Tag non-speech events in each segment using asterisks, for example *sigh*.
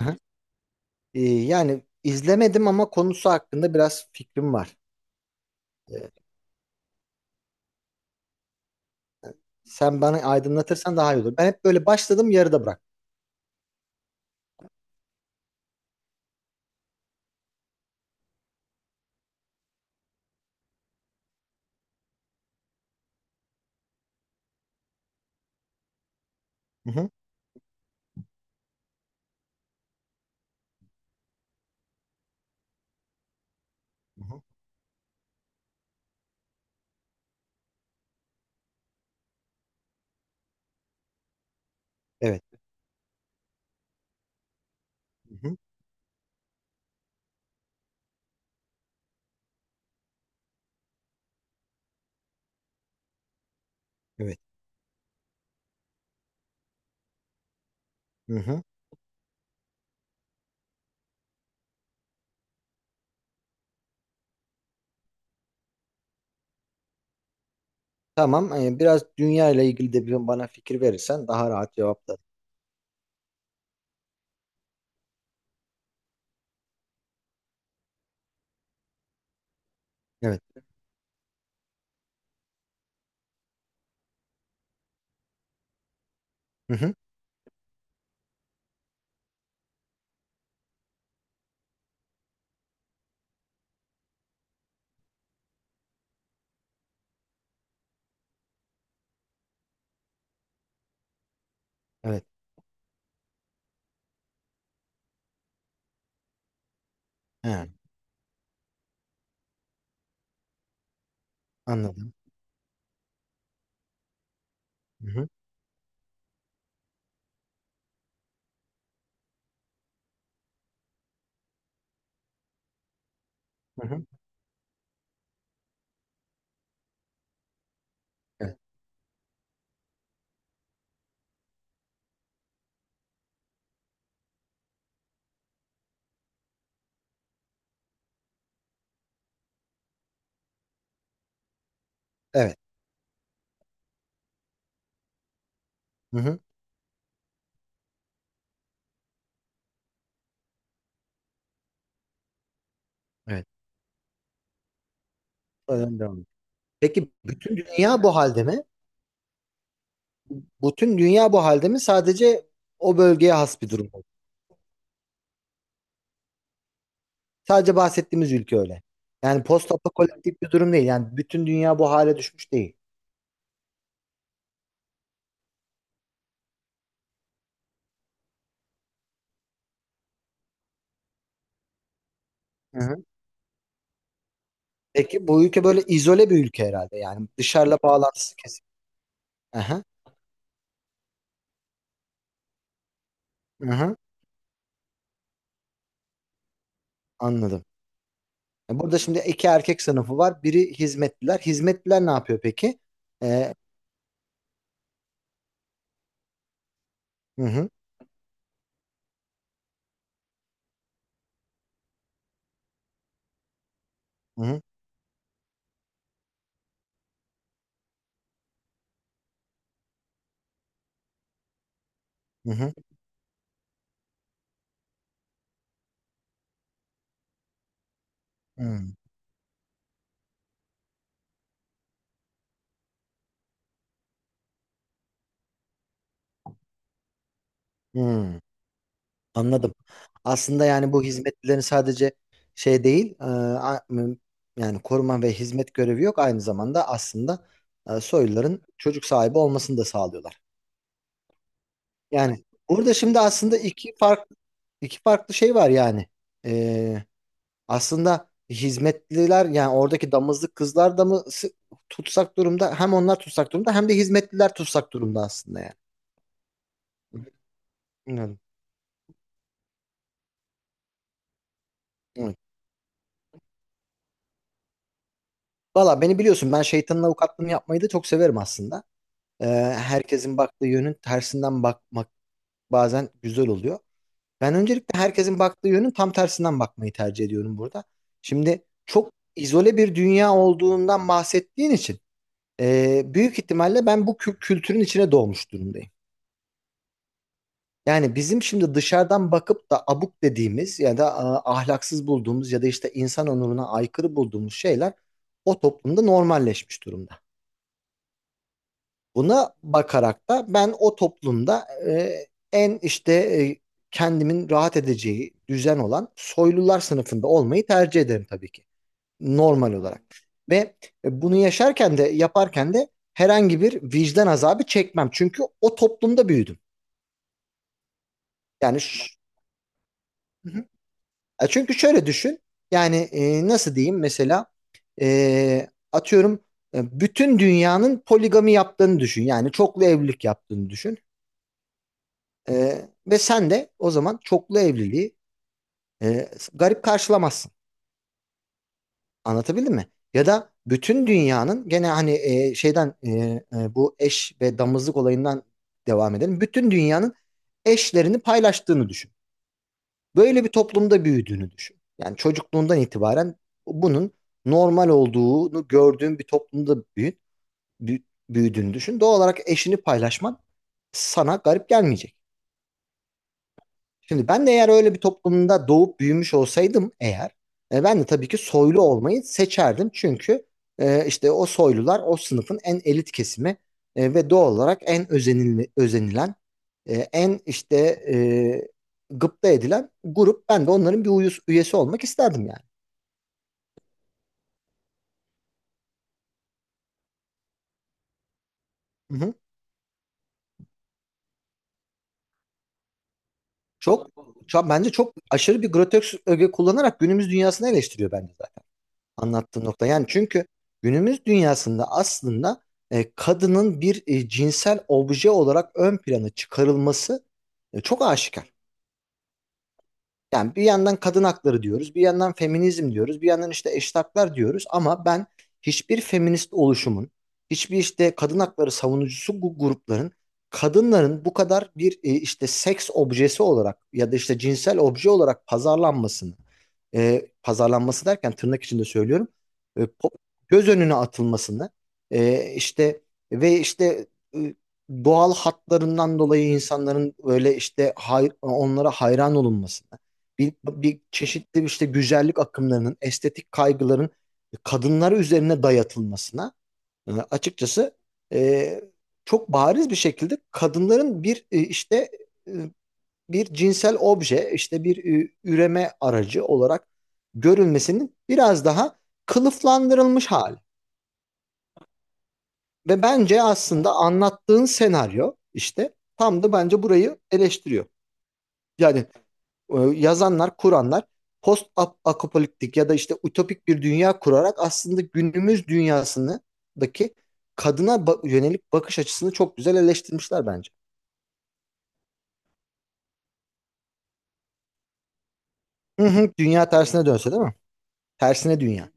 Aha. Yani izlemedim ama konusu hakkında biraz fikrim var. Ee, Sen bana aydınlatırsan daha iyi olur. Ben hep böyle başladım, yarıda bıraktım. Hı hı. Aha. Evet. Aha. Evet. Hı hı. Tamam. Biraz dünya ile ilgili de bir bana fikir verirsen daha rahat cevaplarım. Evet. Hı hı. Evet. He, anladım. Hı hı. Hı hı. Evet. Evet. Hı hı. Evet. Oradan devam edelim. Peki, bütün dünya bu halde mi? Bütün dünya bu halde mi? Sadece o bölgeye has bir durum mu? Sadece bahsettiğimiz ülke öyle. Yani postapokaliptik bir durum değil. Yani bütün dünya bu hale düşmüş değil. Hı hı. Peki, bu ülke böyle izole bir ülke herhalde. Yani dışarıla bağlantısı kesin. Aha, aha, anladım. Yani burada şimdi iki erkek sınıfı var. Biri hizmetliler. Hizmetliler ne yapıyor peki? Ee, hı hı, hı hı, hı hı, hı hı. Anladım. Aslında yani bu hizmetlilerin sadece şey değil, yani koruma ve hizmet görevi yok. Aynı zamanda aslında soyluların çocuk sahibi olmasını da sağlıyorlar. Yani burada şimdi aslında iki farklı iki farklı şey var yani. E, Aslında hizmetliler, yani oradaki damızlık kızlar da mı tutsak durumda? Hem onlar tutsak durumda, hem de hizmetliler tutsak durumda aslında yani. Anladım. Evet. Valla, beni biliyorsun, ben şeytanın avukatlığını yapmayı da çok severim aslında. Ee, Herkesin baktığı yönün tersinden bakmak bazen güzel oluyor. Ben öncelikle herkesin baktığı yönün tam tersinden bakmayı tercih ediyorum burada. Şimdi çok izole bir dünya olduğundan bahsettiğin için büyük ihtimalle ben bu kültürün içine doğmuş durumdayım. Yani bizim şimdi dışarıdan bakıp da abuk dediğimiz ya da ahlaksız bulduğumuz ya da işte insan onuruna aykırı bulduğumuz şeyler o toplumda normalleşmiş durumda. Buna bakarak da ben o toplumda en işte kendimin rahat edeceği düzen olan soylular sınıfında olmayı tercih ederim tabii ki. Normal olarak. Ve bunu yaşarken de, yaparken de herhangi bir vicdan azabı çekmem. Çünkü o toplumda büyüdüm. Yani ş- Hı hı. Çünkü şöyle düşün. Yani nasıl diyeyim, mesela e, atıyorum, bütün dünyanın poligami yaptığını düşün. Yani çoklu evlilik yaptığını düşün. Ve sen de o zaman çoklu evliliği e, garip karşılamazsın. Anlatabildim mi? Ya da bütün dünyanın gene hani bu eş ve damızlık olayından devam edelim. Bütün dünyanın eşlerini paylaştığını düşün. Böyle bir toplumda büyüdüğünü düşün. Yani çocukluğundan itibaren bunun normal olduğunu gördüğün bir toplumda büyü- büyüdüğünü düşün. Doğal olarak eşini paylaşman sana garip gelmeyecek. Şimdi ben de eğer öyle bir toplumda doğup büyümüş olsaydım eğer, ben de tabii ki soylu olmayı seçerdim. Çünkü işte o soylular o sınıfın en elit kesimi, ve doğal olarak en özenilen, en işte e, gıpta edilen grup. Ben de onların bir üyesi olmak isterdim yani. Hı hı. Çok, çok bence çok aşırı bir grotesk öge kullanarak günümüz dünyasını eleştiriyor bence anlattığın nokta. Yani çünkü günümüz dünyasında aslında kadının bir cinsel obje olarak ön plana çıkarılması çok aşikar. Yani bir yandan kadın hakları diyoruz, bir yandan feminizm diyoruz, bir yandan işte eşit haklar diyoruz, ama ben hiçbir feminist oluşumun, hiçbir işte kadın hakları savunucusu bu grupların kadınların bu kadar bir işte seks objesi olarak ya da işte cinsel obje olarak pazarlanmasını, pazarlanması derken tırnak içinde söylüyorum. E, pop- Göz önüne atılmasını, işte ve işte e, doğal hatlarından dolayı insanların böyle işte onlara hayran olunmasını, bir çeşitli işte güzellik akımlarının estetik kaygıların kadınlara üzerine dayatılmasına, açıkçası e, çok bariz bir şekilde kadınların bir işte e, bir cinsel obje, işte bir üreme aracı olarak görülmesinin biraz daha kılıflandırılmış hali. Ve bence aslında anlattığın senaryo işte tam da bence burayı eleştiriyor. Yani yazanlar, kuranlar post apokaliptik ya da işte ütopik bir dünya kurarak aslında günümüz dünyasındaki kadına yönelik bakış açısını çok güzel eleştirmişler bence. Hı hı, dünya tersine dönse, değil mi? Tersine dünya.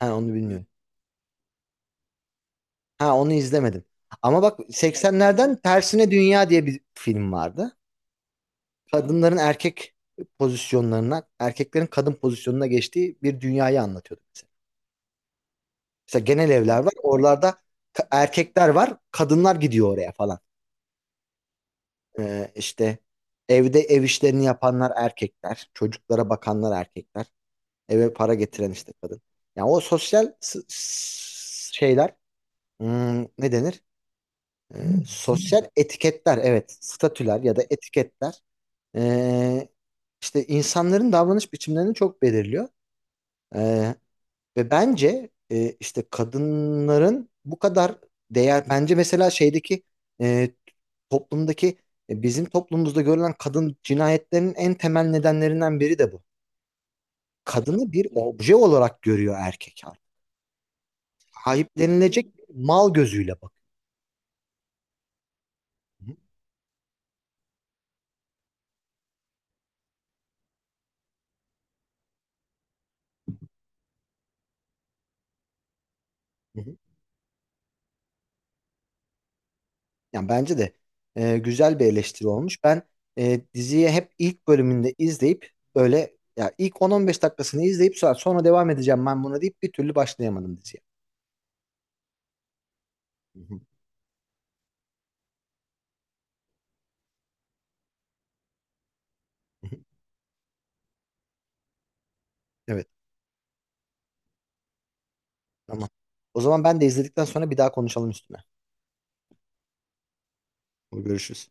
Ha, onu bilmiyorum. Ha, onu izlemedim. Ama bak, 80'lerden Tersine Dünya diye bir film vardı. Kadınların erkek pozisyonlarına, erkeklerin kadın pozisyonuna geçtiği bir dünyayı anlatıyordu mesela. Mesela genel evler var. Oralarda erkekler var. Kadınlar gidiyor oraya falan. İşte evde ev işlerini yapanlar erkekler. Çocuklara bakanlar erkekler. Eve para getiren işte kadın. Yani o sosyal şeyler, hmm, ne denir? E, Sosyal etiketler, evet, statüler ya da etiketler e, işte insanların davranış biçimlerini çok belirliyor. E, Ve bence işte kadınların bu kadar değer, bence mesela şeydeki e, toplumdaki, bizim toplumumuzda görülen kadın cinayetlerinin en temel nedenlerinden biri de bu. Kadını bir obje olarak görüyor erkek artık. Sahiplenilecek mal gözüyle bakıyor. Yani bence de güzel bir eleştiri olmuş. Ben diziyi hep ilk bölümünde izleyip, böyle ya ilk 10 on 15 dakikasını izleyip, sonra devam edeceğim ben buna deyip bir türlü başlayamadım diziye. Hı hı. *laughs* Evet, tamam. O zaman ben de izledikten sonra bir daha konuşalım üstüne. Görüşürüz.